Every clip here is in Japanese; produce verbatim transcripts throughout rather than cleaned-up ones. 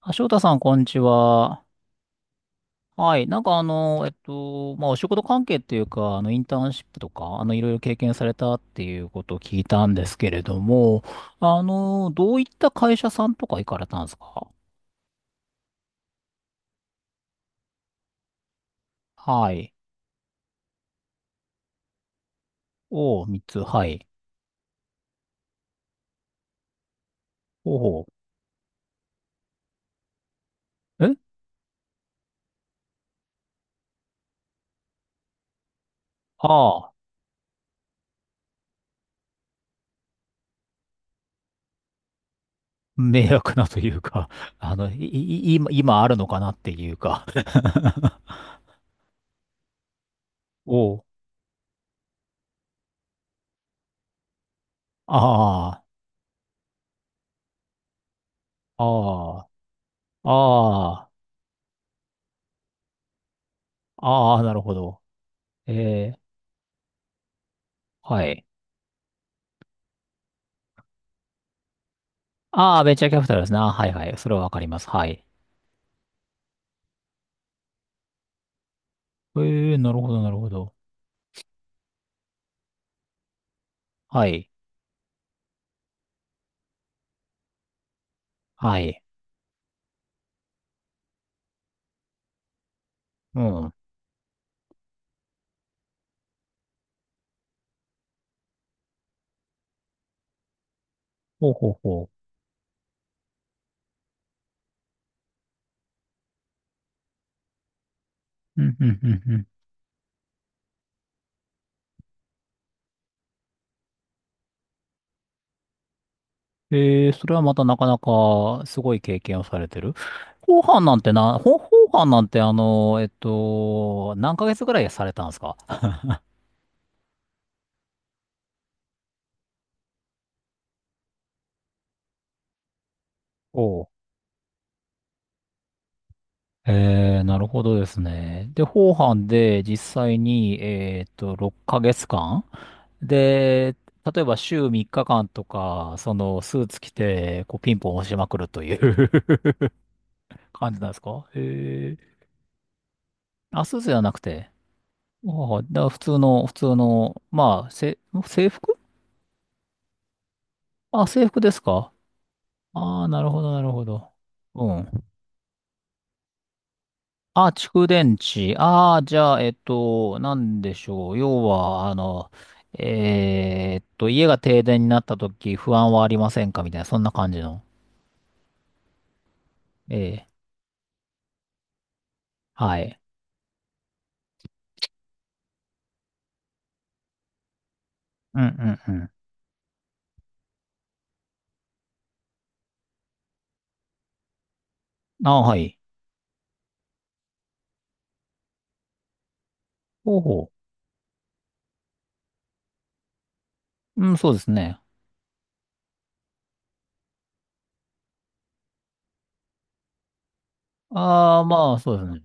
あ、翔太さん、こんにちは。はい。なんか、あの、えっと、まあ、お仕事関係っていうか、あの、インターンシップとか、あの、いろいろ経験されたっていうことを聞いたんですけれども、あの、どういった会社さんとか行かれたんですか？はい。おう、三つ、はい。おう、え、ああー、迷惑なというか、あの、い、い、今、今あるのかなっていうか。おー、ああ、ああ、ああ、ああ、なるほど。えー、はい。ああ、ベンチャーキャピタルですね。あ、はいはい。それはわかります。はい。ええ、なるほど、なるほど。はい。はい。うん。ほうほうほう。うん、うん、うん、うん。ええ、それはまたなかなかすごい経験をされてる。後半なんてな、ほ後半なんてあの、えっと、何ヶ月ぐらいされたんですか？おう。ええ、なるほどですね。で、後半で実際に、えーっと、ろっかげつかんで、例えば週みっかかんとか、そのスーツ着て、こうピンポン押しまくるという 感じなんですか？へえ。あ、スーツじゃなくて。ああ、だから普通の、普通の、まあ、せ、制服。あ、制服ですか？ああ、なるほど、なるほど。うん。あ、蓄電池。ああ、じゃあ、えっと、なんでしょう。要は、あの、えーっと、家が停電になった時、不安はありませんかみたいな、そんな感じの。ええ、はい。うんうん、あ、はい。ほうほう。うん、そうですね。ああ、まあ、そうですね。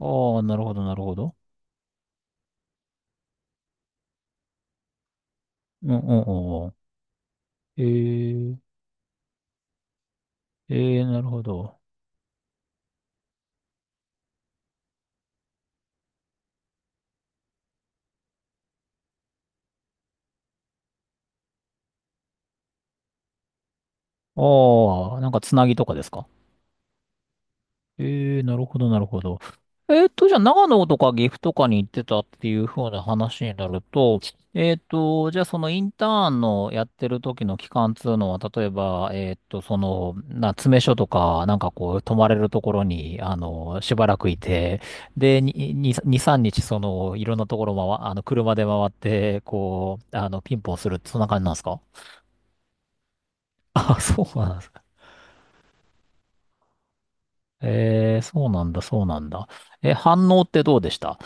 ああ、なるほど、なるほど。うん、うん、うん。うん、えー、えー、なるほど。ああ、なんかつなぎとかですか？ええ、なるほど、なるほど。えっと、じゃあ、長野とか岐阜とかに行ってたっていう風な話になると、えっと、じゃあ、そのインターンのやってる時の期間っていうのは、例えば、えっと、その、な、詰め所とか、なんかこう、泊まれるところに、あの、しばらくいて、で、に、に、に、みっか、その、いろんなところ回、あの、車で回って、こう、あの、ピンポンするって、そんな感じなんですか？ あ、そうなんですか。ええ、そうなんだ、そうなんだ。え、反応ってどうでした？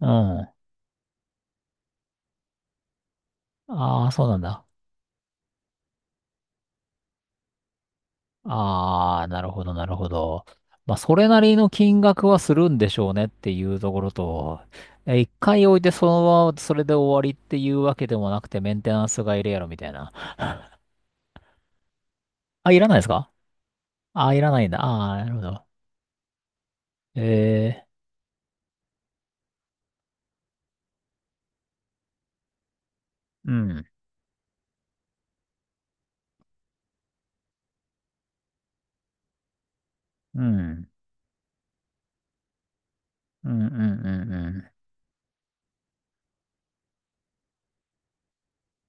うん。ああ、そうなんだ。ああ、なるほど、なるほど。まあ、それなりの金額はするんでしょうねっていうところと、え一回置いてそのままそれで終わりっていうわけでもなくて、メンテナンスがいるやろみたいな。あ、いらないですか？ああ、いらないんだ。ああ、なるほど。えー、うん、うん、うん、うん、うん、うん。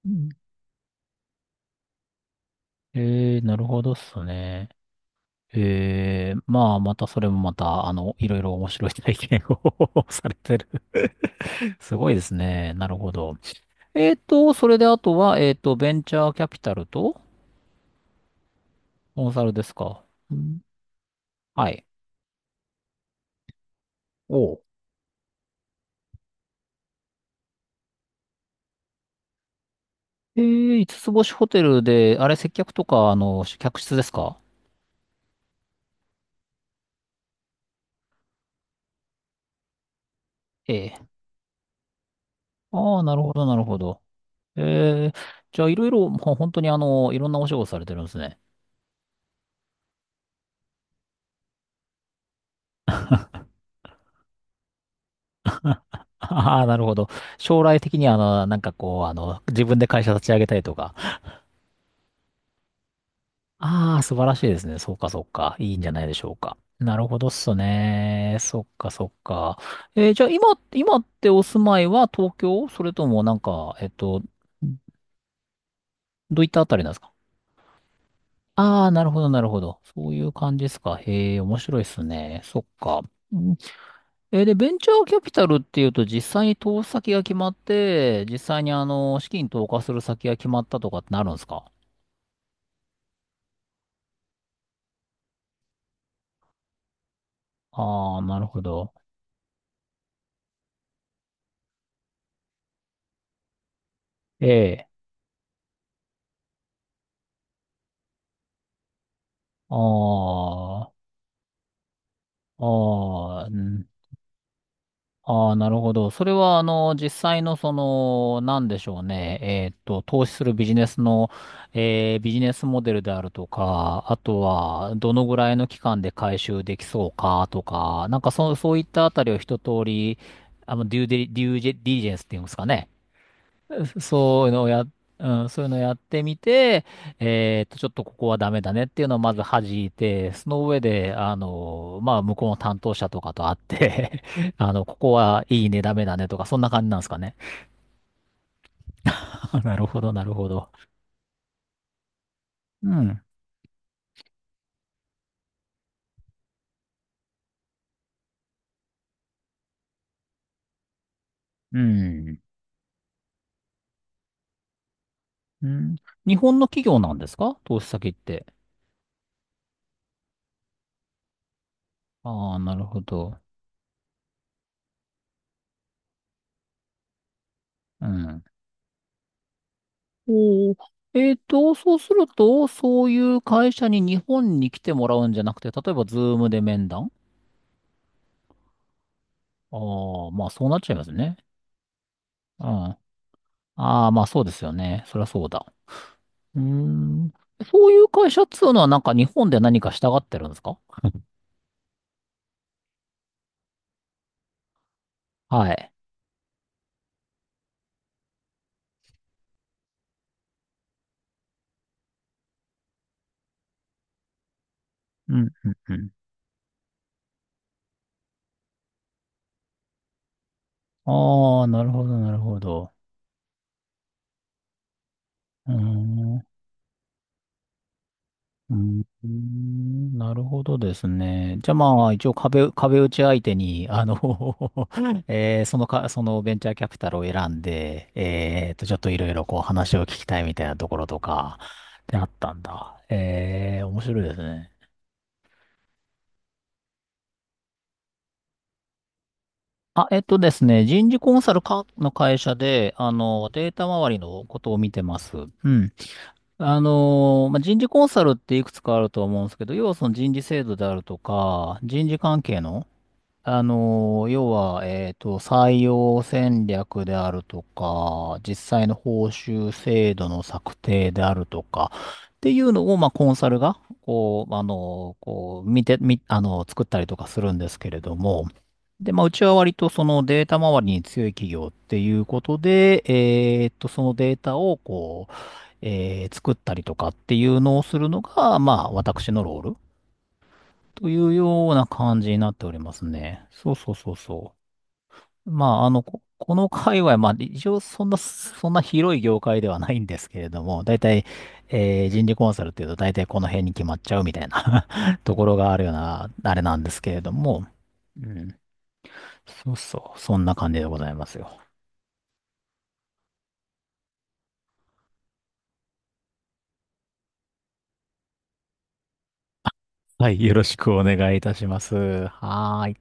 うん、えー、なるほどっすね。ええ、まあ、またそれもまた、あの、いろいろ面白い体験を されてる。 すごいですね。なるほど。えっと、それであとは、えっと、ベンチャーキャピタルと。コンサルですか？うん、はい。おう。ええ、五つ星ホテルで、あれ、接客とか、あの、客室ですか？ええ。ああ、なるほど、なるほど。ええ、じゃあ、いろいろ、ほ本当にあの、いろんなお仕事されてるんですね。ああ、なるほど。将来的には、あの、なんかこう、あの、自分で会社立ち上げたりとか。ああ、素晴らしいですね。そうか、そうか。いいんじゃないでしょうか。なるほどっすね。そっか、そっか。えーじゃあ、今、今ってお住まいは東京、それともなんか、えっと、どういったあたりなんですか？ああー、なるほど、なるほど。そういう感じですか。へえ、面白いっすね。そっか。うん、えーで、ベンチャーキャピタルっていうと、実際に投資先が決まって、実際にあの、資金投下する先が決まったとかってなるんですか？ああー、なるほど。ええ。ああ。ああ、うん、ああ、なるほど。それは、あの、実際の、その、なんでしょうね。えーっと、投資するビジネスの、えービジネスモデルであるとか、あとは、どのぐらいの期間で回収できそうかとか、なんか、そう、そういったあたりを一通り、あの、デューデリ、デュージェディリジェンスっていうんですかね。そういうのをや、うん、そういうのをやってみて、えーっと、ちょっとここはダメだねっていうのをまず弾いて、その上で、あの、まあ、向こうの担当者とかと会って あの、ここはいいね、ダメだねとか、そんな感じなんですかね。あ、なるほど、なるほど。うん、うん、うん。日本の企業なんですか？投資先って。ああ、なるほど。うん。おお。えっと、そうすると、そういう会社に日本に来てもらうんじゃなくて、例えば、ズームで面談。ああ、まあそうなっちゃいますね。うん。ああ、まあそうですよね。そりゃそうだ。うーん。そういう会社っつうのはなんか日本で何かしたがってるんですか？はい。うん、うん、うん。ああ、なるほど、なるほど。うーん。うーん、なるほどですね。じゃあまあ、一応壁、壁打ち相手に、あの えーそのか、そのベンチャーキャピタルを選んで、えーと、ちょっといろいろこう話を聞きたいみたいなところとか、であったんだ。えー、面白いですね。あ、えっとですね、人事コンサルかの会社で、あの、データ周りのことを見てます。うん。あのまあ、人事コンサルっていくつかあると思うんですけど、要はその人事制度であるとか、人事関係の、あの、要は、えっと、採用戦略であるとか、実際の報酬制度の策定であるとか、っていうのを、まあ、コンサルが、こう、あの、こう、見て、み、あの、作ったりとかするんですけれども、で、まあ、うちは割とそのデータ周りに強い企業っていうことで、えっと、そのデータを、こう、えー作ったりとかっていうのをするのが、まあ、私のロールというような感じになっておりますね。そうそうそうそう。まあ、あの、こ、この界隈、まあ、一応そんな、そんな広い業界ではないんですけれども、大体、えー人事コンサルっていうと大体この辺に決まっちゃうみたいな ところがあるような、あれなんですけれども、うん。そうそう、そんな感じでございますよ。はい、よろしくお願いいたします。はーい。